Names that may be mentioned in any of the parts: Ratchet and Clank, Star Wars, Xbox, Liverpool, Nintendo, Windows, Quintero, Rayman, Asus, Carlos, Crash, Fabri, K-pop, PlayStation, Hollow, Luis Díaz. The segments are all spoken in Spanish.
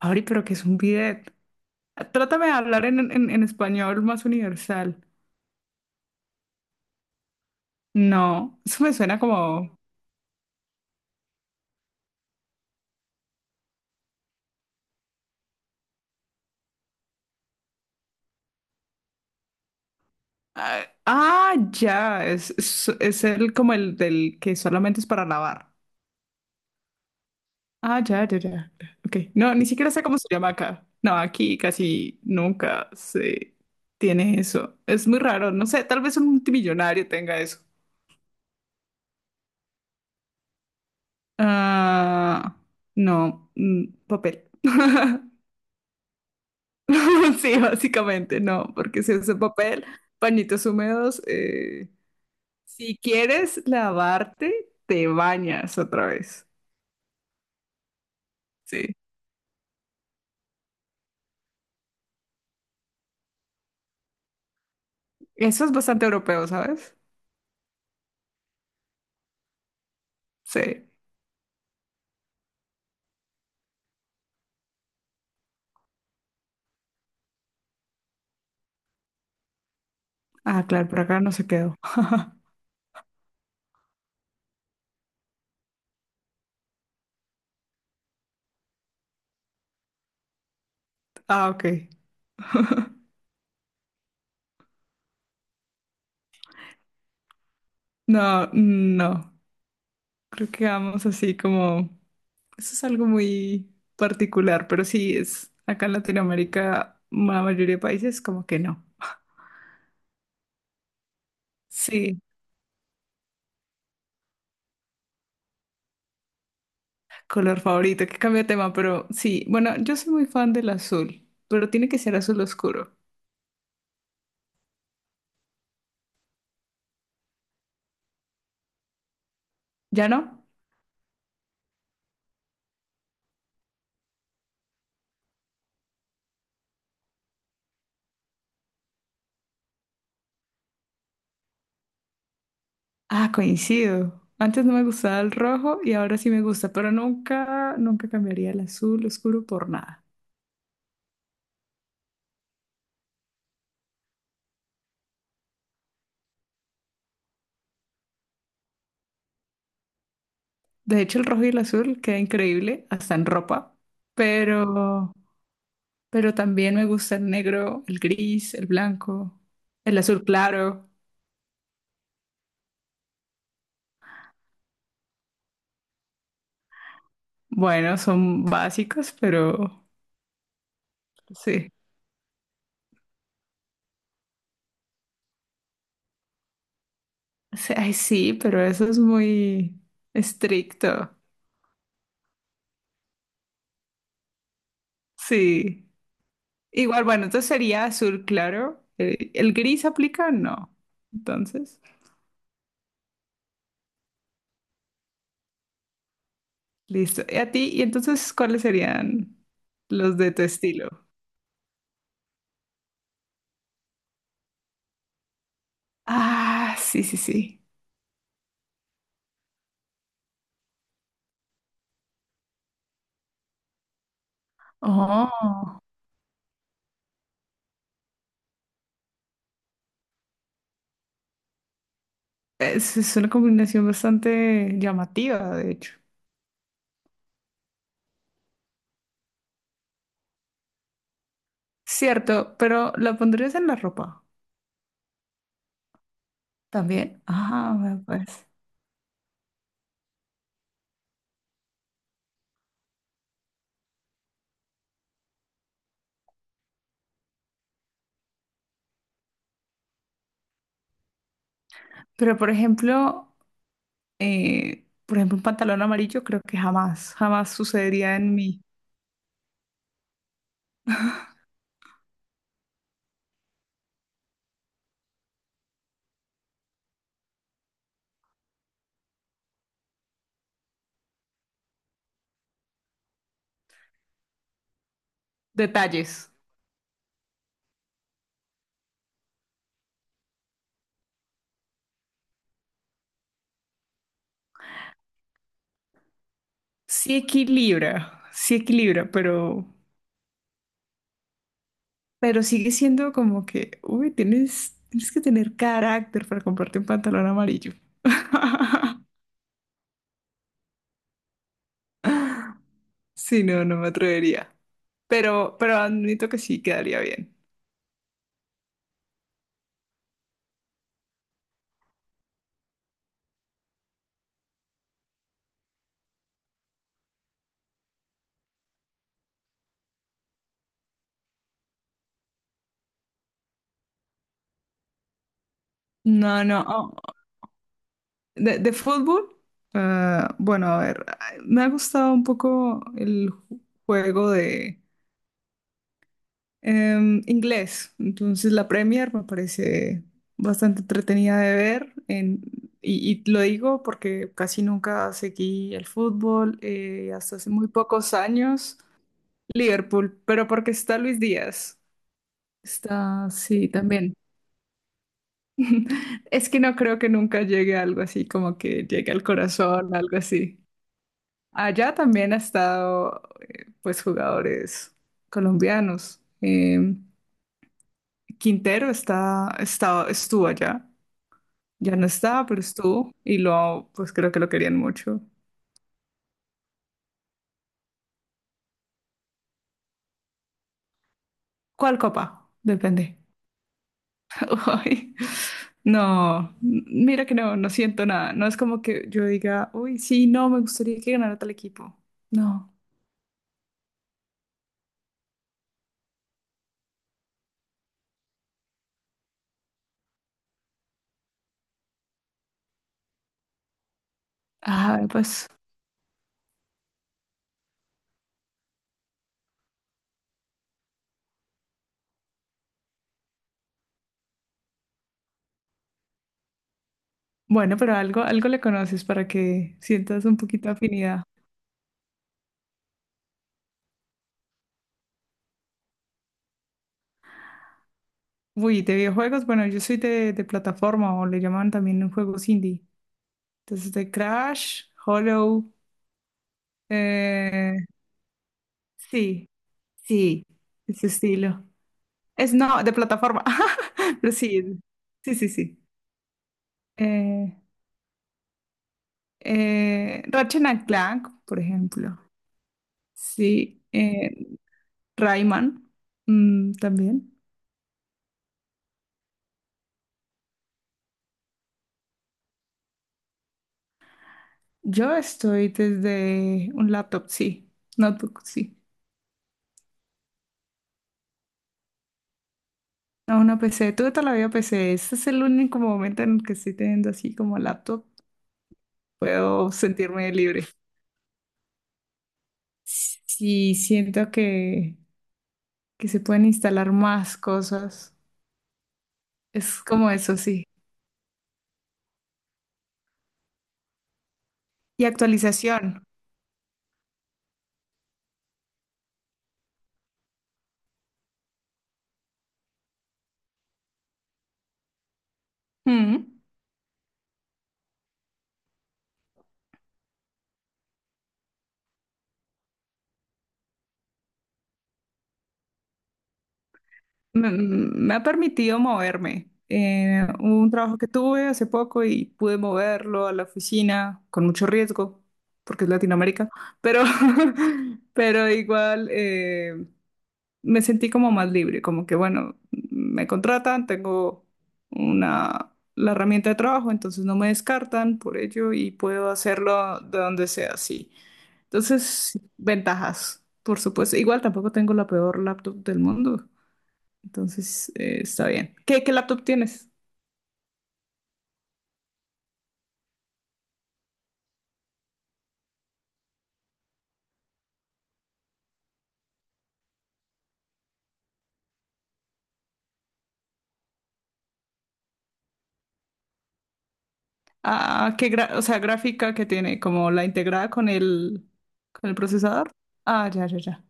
Abri, pero ¿qué es un bidet? Trátame de hablar en español más universal. No, eso me suena como. Ah, ah, ya, es el como el del que solamente es para lavar. Ah, ya, ya, ya. Ok, no, ni siquiera sé cómo se llama acá. No, aquí casi nunca se tiene eso. Es muy raro, no sé, tal vez un multimillonario tenga eso. Ah, no, papel. Sí, básicamente, no, porque si usa papel, pañitos húmedos, si quieres lavarte, te bañas otra vez. Sí. Eso es bastante europeo, ¿sabes? Sí. Ah, claro, por acá no se quedó. Ah, ok. No, no. Creo que vamos así como. Eso es algo muy particular, pero sí es acá en Latinoamérica, la mayoría de países como que no. Sí. Color favorito, que cambia de tema, pero sí, bueno, yo soy muy fan del azul, pero tiene que ser azul oscuro. ¿Ya no? Ah, coincido. Antes no me gustaba el rojo y ahora sí me gusta, pero nunca, nunca cambiaría el azul oscuro por nada. De hecho, el rojo y el azul queda increíble, hasta en ropa, pero, pero también me gusta el negro, el gris, el blanco, el azul claro. Bueno, son básicos, pero sí. Sí, ay, sí, pero eso es muy estricto. Sí. Igual, bueno, entonces sería azul claro. ¿El gris aplica? No. Entonces, listo. ¿Y a ti? ¿Y entonces cuáles serían los de tu estilo? Ah, sí, sí, sí. Oh, es una combinación bastante llamativa, de hecho. Cierto, pero ¿la pondrías en la ropa también? Ah, vea, pues. Pero, por ejemplo, un pantalón amarillo, creo que jamás, jamás sucedería en mí. Detalles. Sí equilibra, pero sigue siendo como que, uy, tienes que tener carácter para comprarte un pantalón amarillo. Sí, no, no me atrevería. Pero admito que sí quedaría bien. No, no. Oh, de fútbol, bueno, a ver, me ha gustado un poco el juego de inglés, entonces la Premier me parece bastante entretenida de ver y lo digo porque casi nunca seguí el fútbol, hasta hace muy pocos años, Liverpool, pero porque está Luis Díaz, está, sí, también. Es que no creo que nunca llegue a algo así, como que llegue al corazón, algo así. Allá también ha estado, pues, jugadores colombianos. Quintero estuvo allá. Ya no está, pero estuvo. Y lo, pues creo que lo querían mucho. ¿Cuál copa? Depende. Ay, no, mira que no, no siento nada. No es como que yo diga, uy, sí, no, me gustaría que ganara tal equipo. No. Ah, pues bueno, pero algo, algo le conoces para que sientas un poquito de afinidad. Uy, de videojuegos, bueno, yo soy de plataforma o le llaman también en juegos indie. Entonces, de Crash, Hollow. eh, Sí, sí, ese estilo. Es no, de plataforma, pero sí, sí, sí, sí. Eh, Ratchet and Clank, por ejemplo. Sí, Rayman, también. Yo estoy desde un laptop, sí, notebook, sí. A una PC, tuve toda la vida PC. Este es el único momento en el que estoy teniendo así como laptop. Puedo sentirme libre. Sí, siento que se pueden instalar más cosas. Es como eso, sí. Y actualización. Mm. Me ha permitido moverme. Hubo un trabajo que tuve hace poco y pude moverlo a la oficina con mucho riesgo, porque es Latinoamérica, pero, pero igual. Me sentí como más libre, como que bueno, me contratan, tengo la herramienta de trabajo, entonces no me descartan por ello y puedo hacerlo de donde sea, sí. Entonces, sí, ventajas, por supuesto. Igual tampoco tengo la peor laptop del mundo, entonces está bien. ¿Qué laptop tienes? Ah, ¿qué o sea, gráfica que tiene, como la integrada con con el procesador. Ah, ya, ya, ya.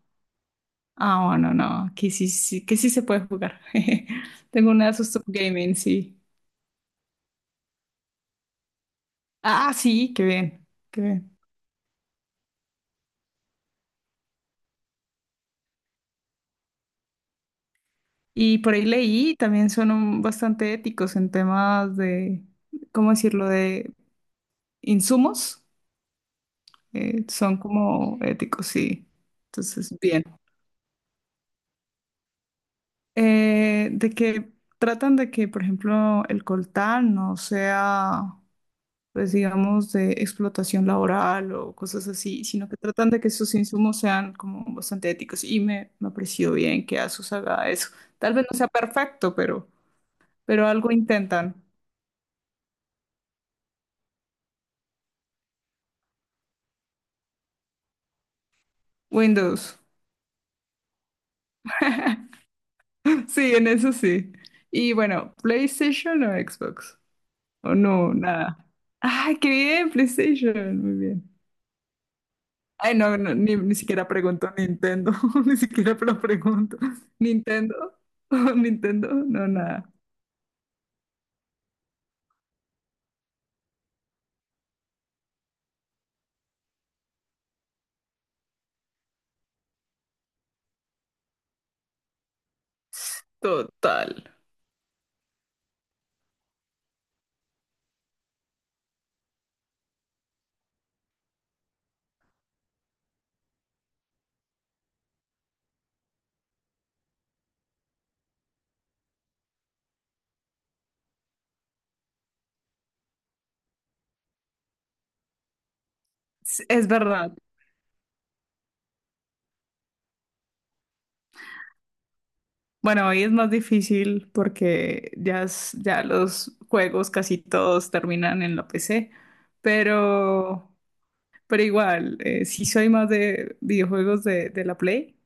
Ah, bueno, no, que sí, sí, que sí se puede jugar. Tengo un Asus Top Gaming, sí. Ah, ah, sí, qué bien, qué bien. Y por ahí leí, también son bastante éticos en temas de, ¿cómo decirlo?, de insumos. Son como éticos, sí. Entonces, bien. De que tratan de que, por ejemplo, el coltán no sea pues digamos, de explotación laboral o cosas así, sino que tratan de que sus insumos sean como bastante éticos. Y me apreció bien que ASUS haga eso. Tal vez no sea perfecto, pero algo intentan. Windows. Sí, en eso sí. Y bueno, ¿PlayStation o Xbox? O no, nada. ¡Ay, qué bien! PlayStation, muy bien. Ay, no, no, ni siquiera pregunto Nintendo, ni siquiera lo pregunto. ¿Nintendo? ¿Nintendo? No, nada. Total. Es verdad. Bueno, hoy es más difícil porque ya los juegos casi todos terminan en la PC, pero, pero igual, sí soy más de videojuegos de la Play.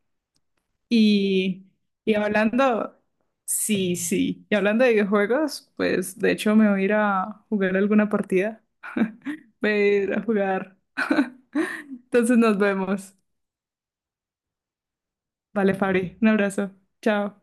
Y, y hablando, sí, sí, y hablando de videojuegos, pues de hecho me voy a ir a jugar alguna partida. Voy a ir a jugar. Entonces nos vemos. Vale, Fabri, un abrazo. Chao.